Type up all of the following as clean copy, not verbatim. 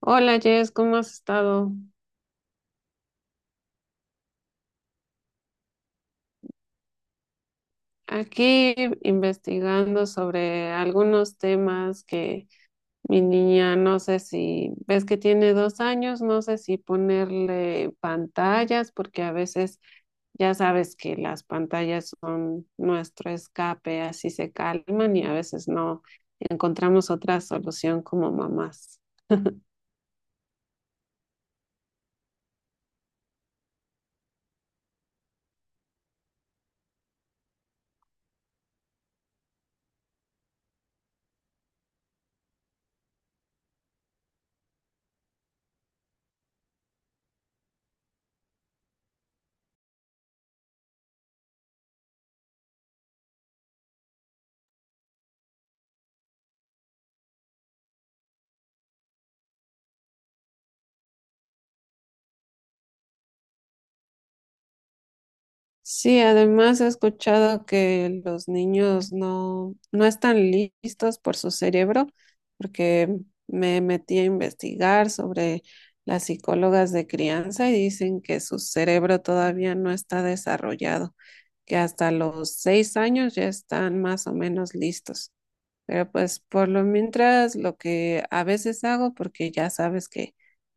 Hola Jess, ¿cómo has estado? Aquí investigando sobre algunos temas que mi niña, no sé si, ves que tiene 2 años, no sé si ponerle pantallas, porque a veces ya sabes que las pantallas son nuestro escape, así se calman y a veces no encontramos otra solución como mamás. Sí, además he escuchado que los niños no, no están listos por su cerebro, porque me metí a investigar sobre las psicólogas de crianza y dicen que su cerebro todavía no está desarrollado, que hasta los 6 años ya están más o menos listos. Pero pues por lo mientras lo que a veces hago, porque ya sabes que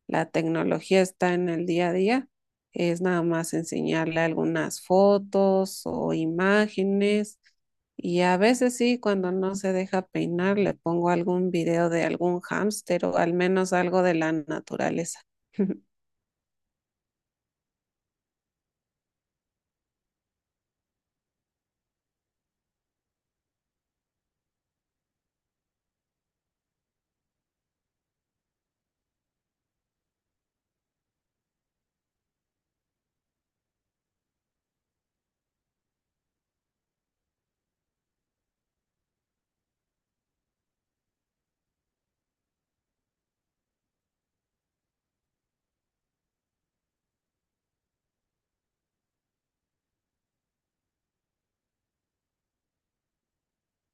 la tecnología está en el día a día, es nada más enseñarle algunas fotos o imágenes. Y a veces sí, cuando no se deja peinar, le pongo algún video de algún hámster o al menos algo de la naturaleza.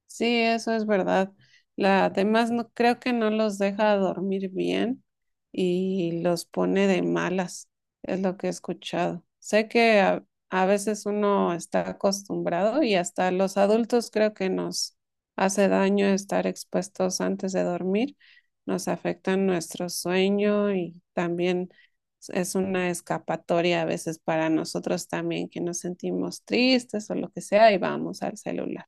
Sí, eso es verdad. Además, no, creo que no los deja dormir bien y los pone de malas, es lo que he escuchado. Sé que a veces uno está acostumbrado y hasta los adultos creo que nos hace daño estar expuestos antes de dormir, nos afecta nuestro sueño y también es una escapatoria a veces para nosotros también que nos sentimos tristes o lo que sea y vamos al celular.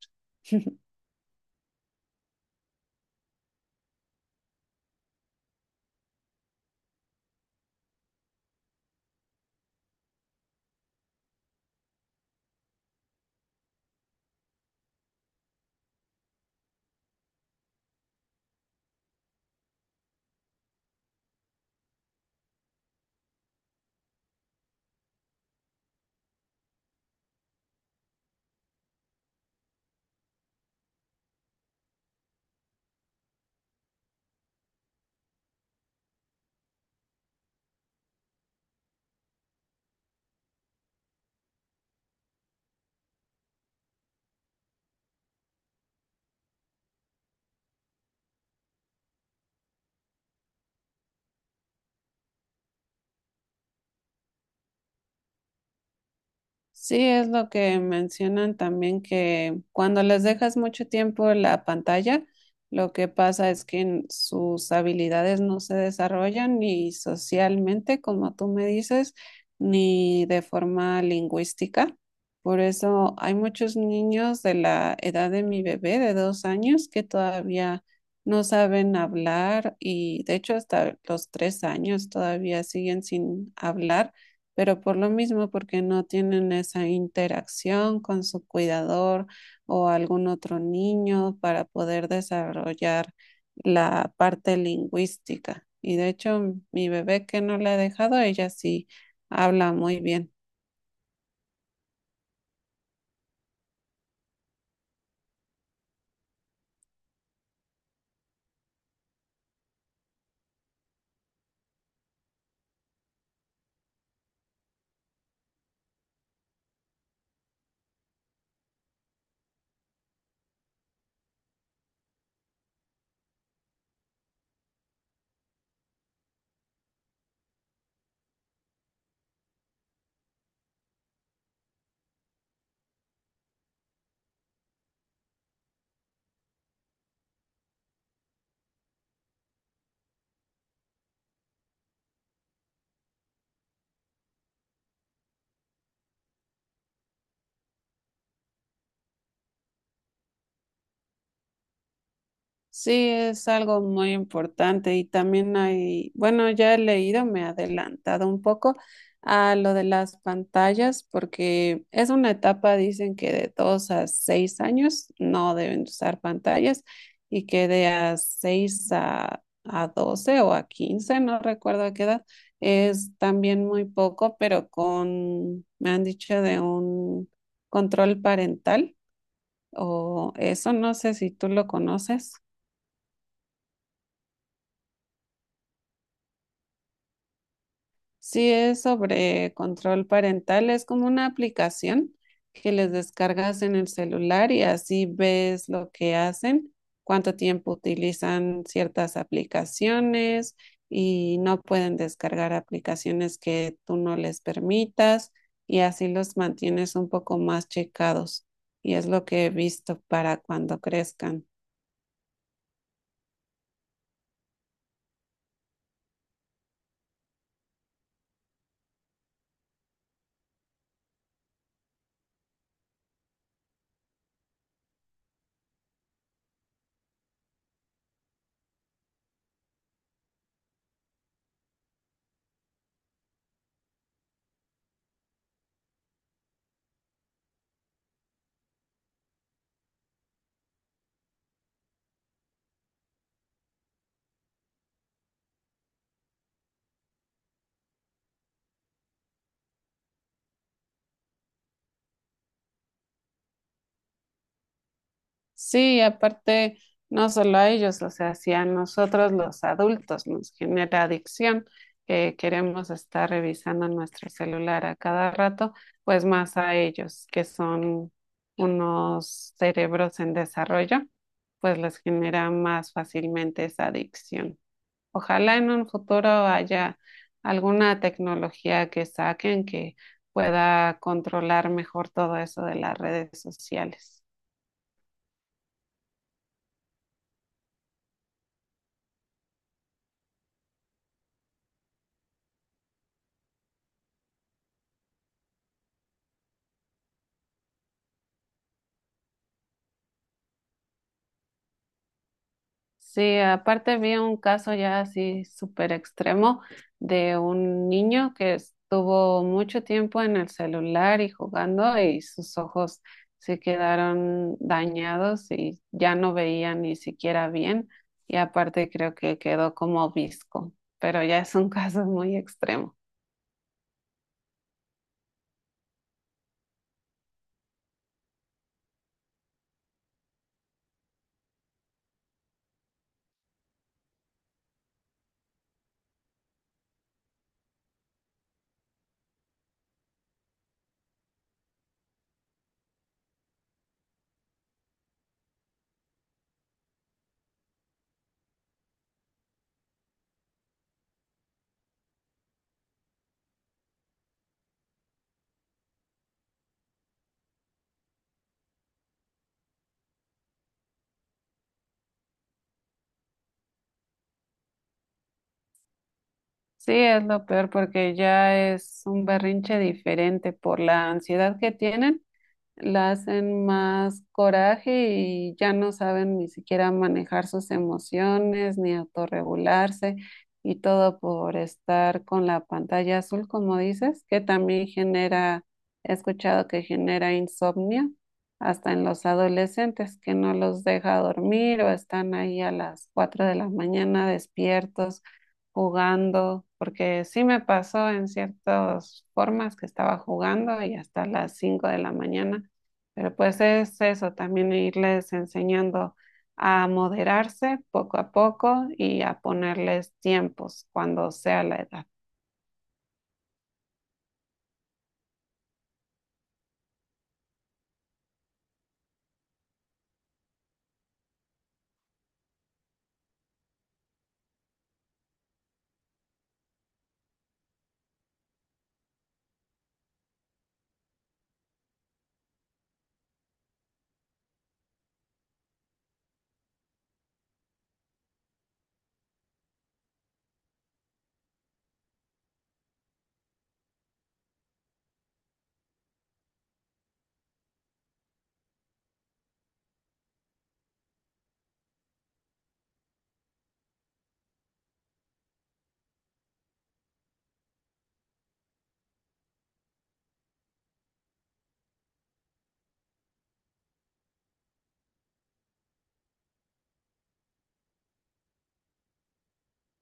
Sí, es lo que mencionan también que cuando les dejas mucho tiempo en la pantalla, lo que pasa es que sus habilidades no se desarrollan ni socialmente, como tú me dices, ni de forma lingüística. Por eso hay muchos niños de la edad de mi bebé de 2 años que todavía no saben hablar y de hecho hasta los 3 años todavía siguen sin hablar, pero por lo mismo, porque no tienen esa interacción con su cuidador o algún otro niño para poder desarrollar la parte lingüística. Y de hecho, mi bebé que no la he dejado, ella sí habla muy bien. Sí, es algo muy importante y también hay, bueno, ya he leído, me he adelantado un poco a lo de las pantallas porque es una etapa, dicen que de 2 a 6 años no deben usar pantallas y que de a seis a 12 o a 15, no recuerdo a qué edad, es también muy poco, pero me han dicho de un control parental o eso, no sé si tú lo conoces. Sí, es sobre control parental, es como una aplicación que les descargas en el celular y así ves lo que hacen, cuánto tiempo utilizan ciertas aplicaciones y no pueden descargar aplicaciones que tú no les permitas y así los mantienes un poco más checados, y es lo que he visto para cuando crezcan. Sí, aparte, no solo a ellos, o sea, si a nosotros los adultos nos genera adicción, que queremos estar revisando nuestro celular a cada rato, pues más a ellos, que son unos cerebros en desarrollo, pues les genera más fácilmente esa adicción. Ojalá en un futuro haya alguna tecnología que saquen que pueda controlar mejor todo eso de las redes sociales. Sí, aparte había un caso ya así súper extremo de un niño que estuvo mucho tiempo en el celular y jugando y sus ojos se quedaron dañados y ya no veía ni siquiera bien, y aparte creo que quedó como obisco, pero ya es un caso muy extremo. Sí, es lo peor porque ya es un berrinche diferente por la ansiedad que tienen, la hacen más coraje y ya no saben ni siquiera manejar sus emociones ni autorregularse, y todo por estar con la pantalla azul, como dices, que también genera, he escuchado que genera insomnio hasta en los adolescentes que no los deja dormir o están ahí a las 4 de la mañana despiertos jugando, porque sí me pasó en ciertas formas que estaba jugando y hasta las 5 de la mañana. Pero pues es eso, también irles enseñando a moderarse poco a poco y a ponerles tiempos cuando sea la edad.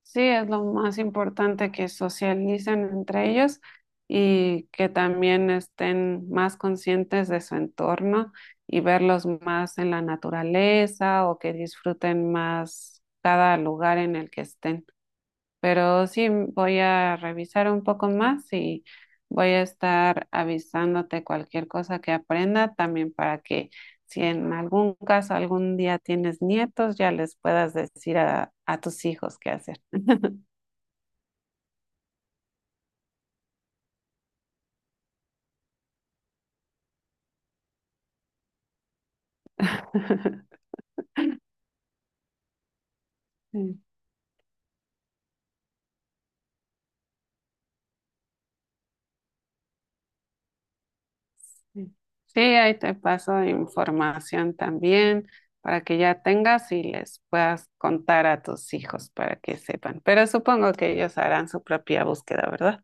Sí, es lo más importante que socialicen entre ellos y que también estén más conscientes de su entorno, y verlos más en la naturaleza o que disfruten más cada lugar en el que estén. Pero sí voy a revisar un poco más y voy a estar avisándote cualquier cosa que aprenda también, para que si en algún caso algún día tienes nietos, ya les puedas decir a tus hijos qué hacer. Sí, sí. Sí, ahí te paso información también para que ya tengas y les puedas contar a tus hijos para que sepan. Pero supongo que ellos harán su propia búsqueda, ¿verdad?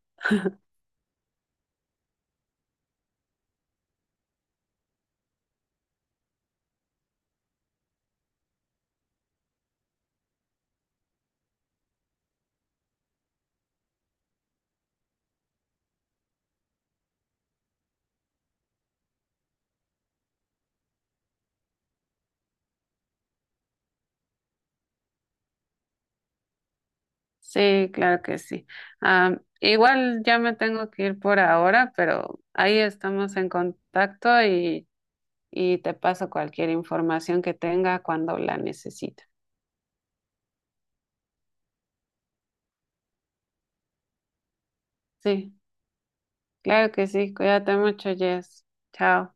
Sí, claro que sí. Igual ya me tengo que ir por ahora, pero ahí estamos en contacto y te paso cualquier información que tenga cuando la necesite. Sí, claro que sí. Cuídate mucho, Jess. Chao.